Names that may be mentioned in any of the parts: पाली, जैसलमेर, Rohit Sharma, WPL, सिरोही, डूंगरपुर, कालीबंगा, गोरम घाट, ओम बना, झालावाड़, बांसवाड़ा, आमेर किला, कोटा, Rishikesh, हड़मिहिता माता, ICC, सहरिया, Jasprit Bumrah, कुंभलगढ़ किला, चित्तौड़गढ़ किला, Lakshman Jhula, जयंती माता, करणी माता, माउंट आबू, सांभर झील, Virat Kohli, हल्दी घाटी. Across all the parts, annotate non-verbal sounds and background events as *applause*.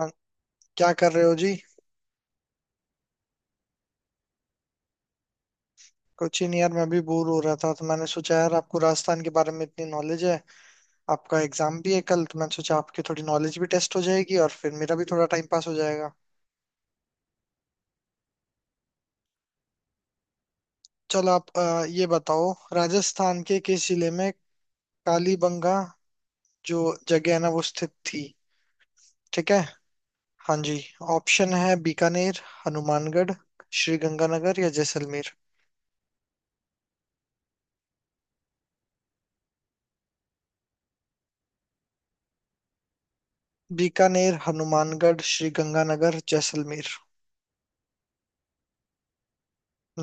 हाँ, क्या कर रहे हो जी। कुछ ही नहीं यार, मैं भी बोर हो रहा था तो मैंने सोचा यार आपको राजस्थान के बारे में इतनी नॉलेज है। आपका एग्जाम भी है कल तो मैंने सोचा आपकी थोड़ी नॉलेज भी टेस्ट हो जाएगी और फिर मेरा भी थोड़ा टाइम पास हो जाएगा। चलो, आप ये बताओ, राजस्थान के किस जिले में कालीबंगा जो जगह है ना वो स्थित थी? ठीक है। हाँ जी। ऑप्शन है बीकानेर, हनुमानगढ़, श्री गंगानगर या जैसलमेर। बीकानेर, हनुमानगढ़, श्री गंगानगर, जैसलमेर।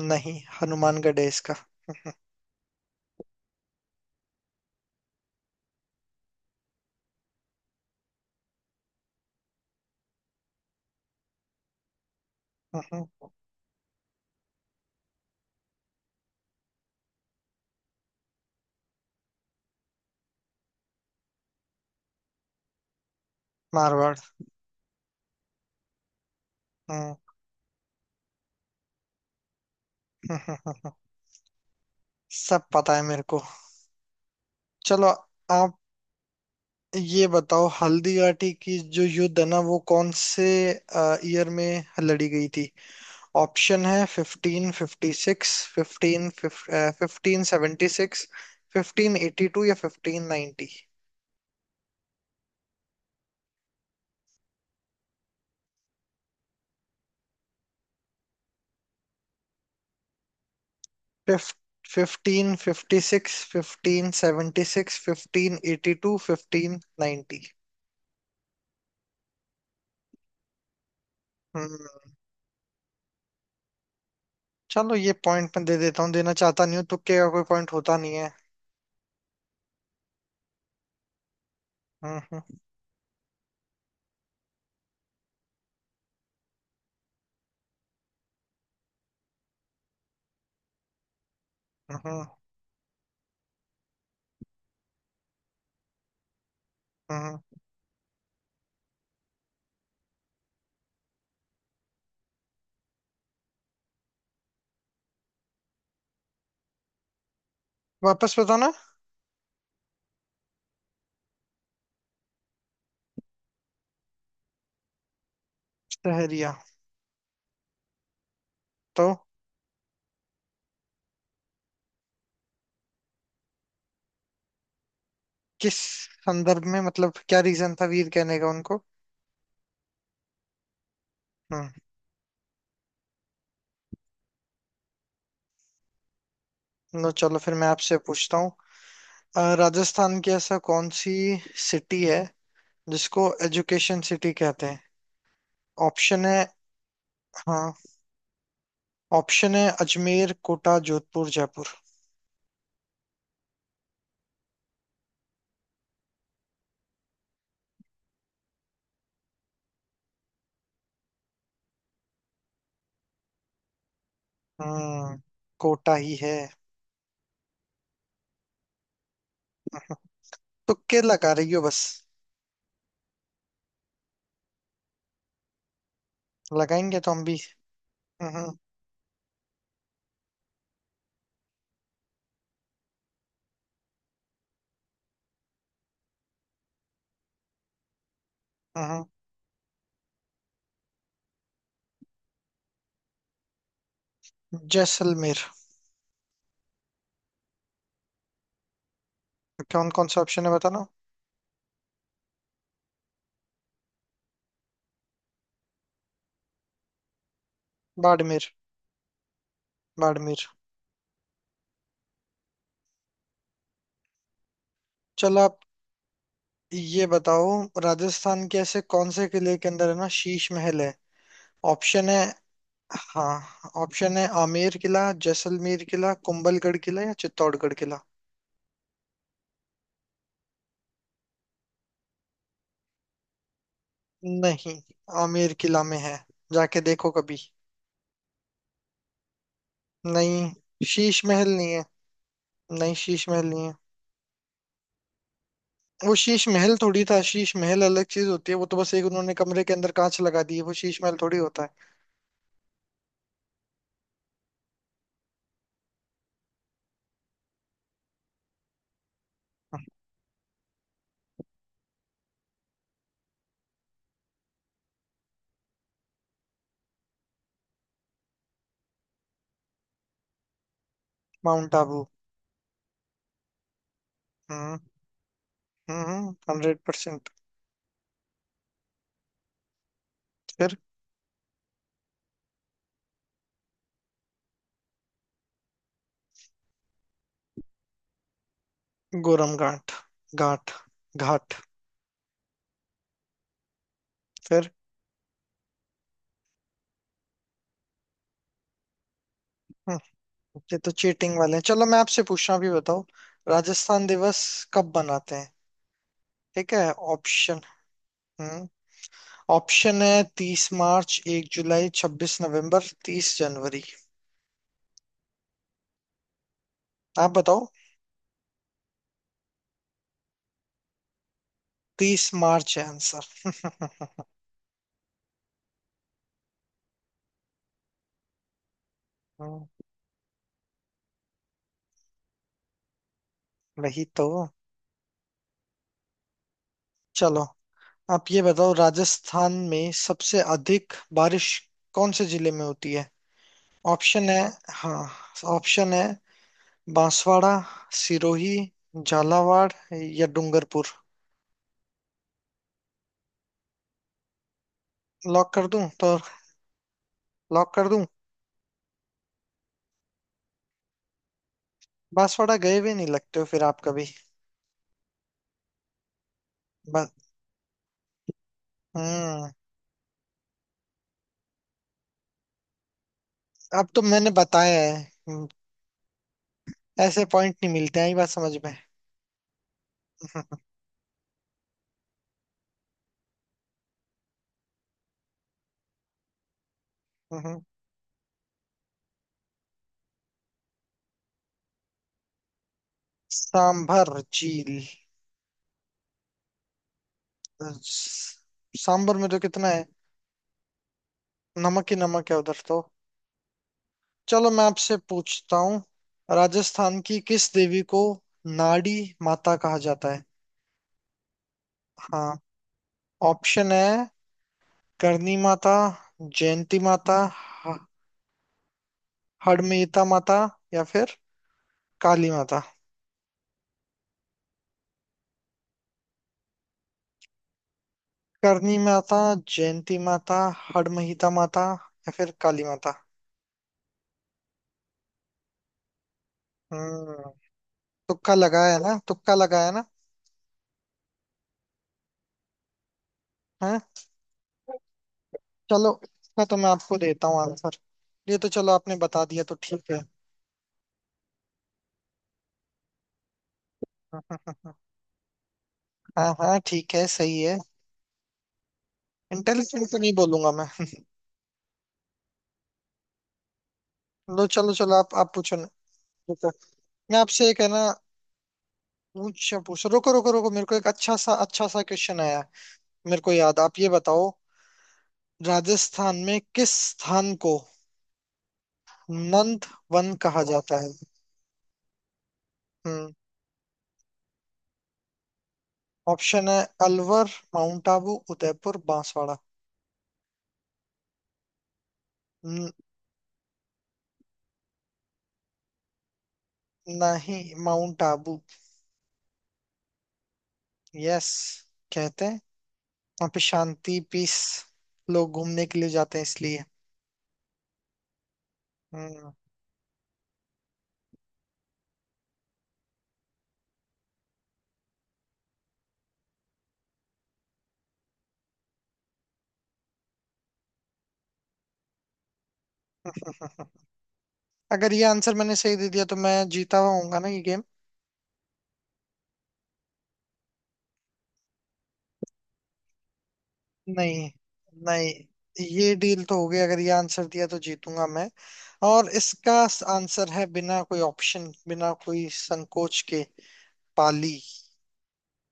नहीं, हनुमानगढ़ है इसका। हम्म। मारवाड़। हम्म। हम्म। हम्म। हम्म। सब पता है मेरे को। चलो, आप ये बताओ, हल्दी घाटी की जो युद्ध है ना वो कौन से ईयर में लड़ी गई थी? ऑप्शन है 1556, फिफ्टीन फिफ्टीन सेवेंटी सिक्स, 1582 या 1590। Fifteen fifty six, 1576, fifteen eighty to, 1590। हम्म। चलो, ये पॉइंट मैं दे देता हूँ, देना चाहता नहीं हूँ, तुक्के का कोई पॉइंट होता नहीं है। हम्म। हम्म। हम्म। वापस बताना। सहरिया। तो किस संदर्भ में, मतलब क्या रीजन था वीर कहने का उनको? हम्म। नो, चलो फिर मैं आपसे पूछता हूँ। राजस्थान की ऐसा कौन सी सिटी है जिसको एजुकेशन सिटी कहते हैं? ऑप्शन है। हाँ। ऑप्शन है अजमेर, कोटा, जोधपुर, जयपुर। हम्म। कोटा ही है। तुक्के लगा रही हो बस। लगाएंगे तो हम भी। हम्म। हम्म। जैसलमेर। कौन कौन सा ऑप्शन है बताना। बाड़मेर। बाड़मेर। चलो, आप ये बताओ, राजस्थान के ऐसे कौन से किले के अंदर है ना शीश महल है? ऑप्शन है। हाँ। ऑप्शन है आमेर किला, जैसलमेर किला, कुंभलगढ़ किला या चित्तौड़गढ़ किला। नहीं, आमेर किला में है। जाके देखो कभी। नहीं, शीश महल नहीं है। नहीं, शीश महल नहीं है। वो शीश महल थोड़ी था, शीश महल अलग चीज होती है, वो तो बस एक उन्होंने कमरे के अंदर कांच लगा दी है, वो शीश महल थोड़ी होता है। माउंट आबू। हम्म। 100%। फिर। गोरम घाट। घाट। घाट। फिर। हम्म, ये तो चीटिंग वाले हैं, चलो मैं आपसे पूछना भी बताओ। राजस्थान दिवस कब मनाते हैं, ठीक है? ऑप्शन। हम्म। ऑप्शन है 30 मार्च, 1 जुलाई, 26 नवंबर, 30 जनवरी। आप बताओ। 30 मार्च है आंसर। *laughs* वही तो। चलो, आप ये बताओ, राजस्थान में सबसे अधिक बारिश कौन से जिले में होती है? ऑप्शन है। हाँ। ऑप्शन है बांसवाड़ा, सिरोही, झालावाड़ या डूंगरपुर। लॉक कर दूं तो? लॉक कर दूं? बांसवाड़ा गए भी नहीं लगते हो फिर आप कभी? ब- हम्म। अब तो मैंने बताया है। हम्म। ऐसे पॉइंट नहीं मिलते हैं, ये बात समझ में। हम्म। सांभर झील। स- सांभर में तो कितना है, नमक ही नमक है उधर तो। चलो, मैं आपसे पूछता हूँ। राजस्थान की किस देवी को नाड़ी माता कहा जाता है? हाँ। ऑप्शन है करणी माता, जयंती माता, ह- हड़मिहिता माता या फिर काली माता। करणी माता, जयंती माता, हड़मिहिता माता या फिर काली माता। हम्म। तुक्का लगाया है ना, तुक्का लगाया ना? है। चलो, इसका तो मैं आपको देता हूँ आंसर, ये तो चलो आपने बता दिया तो ठीक है। *laughs* हाँ हाँ, ठीक है, सही है। इंटेलिजेंट तो नहीं बोलूंगा मैं। *laughs* लो, चलो चलो, आप पूछो ना। रुको, मैं आपसे एक है ना, पूछ पूछो, रुको रुको रुको, मेरे को एक अच्छा सा क्वेश्चन आया मेरे को याद। आप ये बताओ, राजस्थान में किस स्थान को नंद वन कहा जाता है? हम्म। ऑप्शन है अलवर, माउंट आबू, उदयपुर, बांसवाड़ा। न- नहीं, माउंट आबू। यस, कहते हैं। वहाँ पे शांति, पीस, लोग घूमने के लिए जाते हैं इसलिए। हम्म। अगर ये आंसर मैंने सही दे दिया तो मैं जीता हुआ होऊंगा ना ये गेम? नहीं नहीं, ये डील तो हो गई, अगर ये आंसर दिया तो जीतूंगा मैं। और इसका आंसर है, बिना कोई ऑप्शन बिना कोई संकोच के, पाली,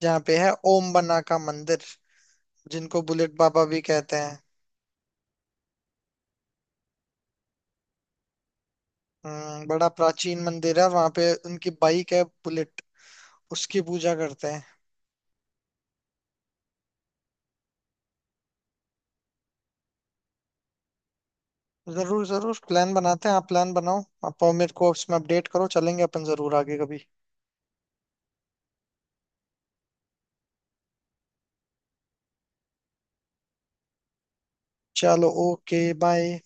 जहाँ पे है ओम बना का मंदिर, जिनको बुलेट बाबा भी कहते हैं। बड़ा प्राचीन मंदिर है वहां पे, उनकी बाइक है बुलेट, उसकी पूजा करते हैं। जरूर जरूर, प्लान बनाते हैं, आप प्लान बनाओ आप, और मेरे को इसमें अपडेट करो, चलेंगे अपन जरूर आगे कभी। चलो, ओके, बाय।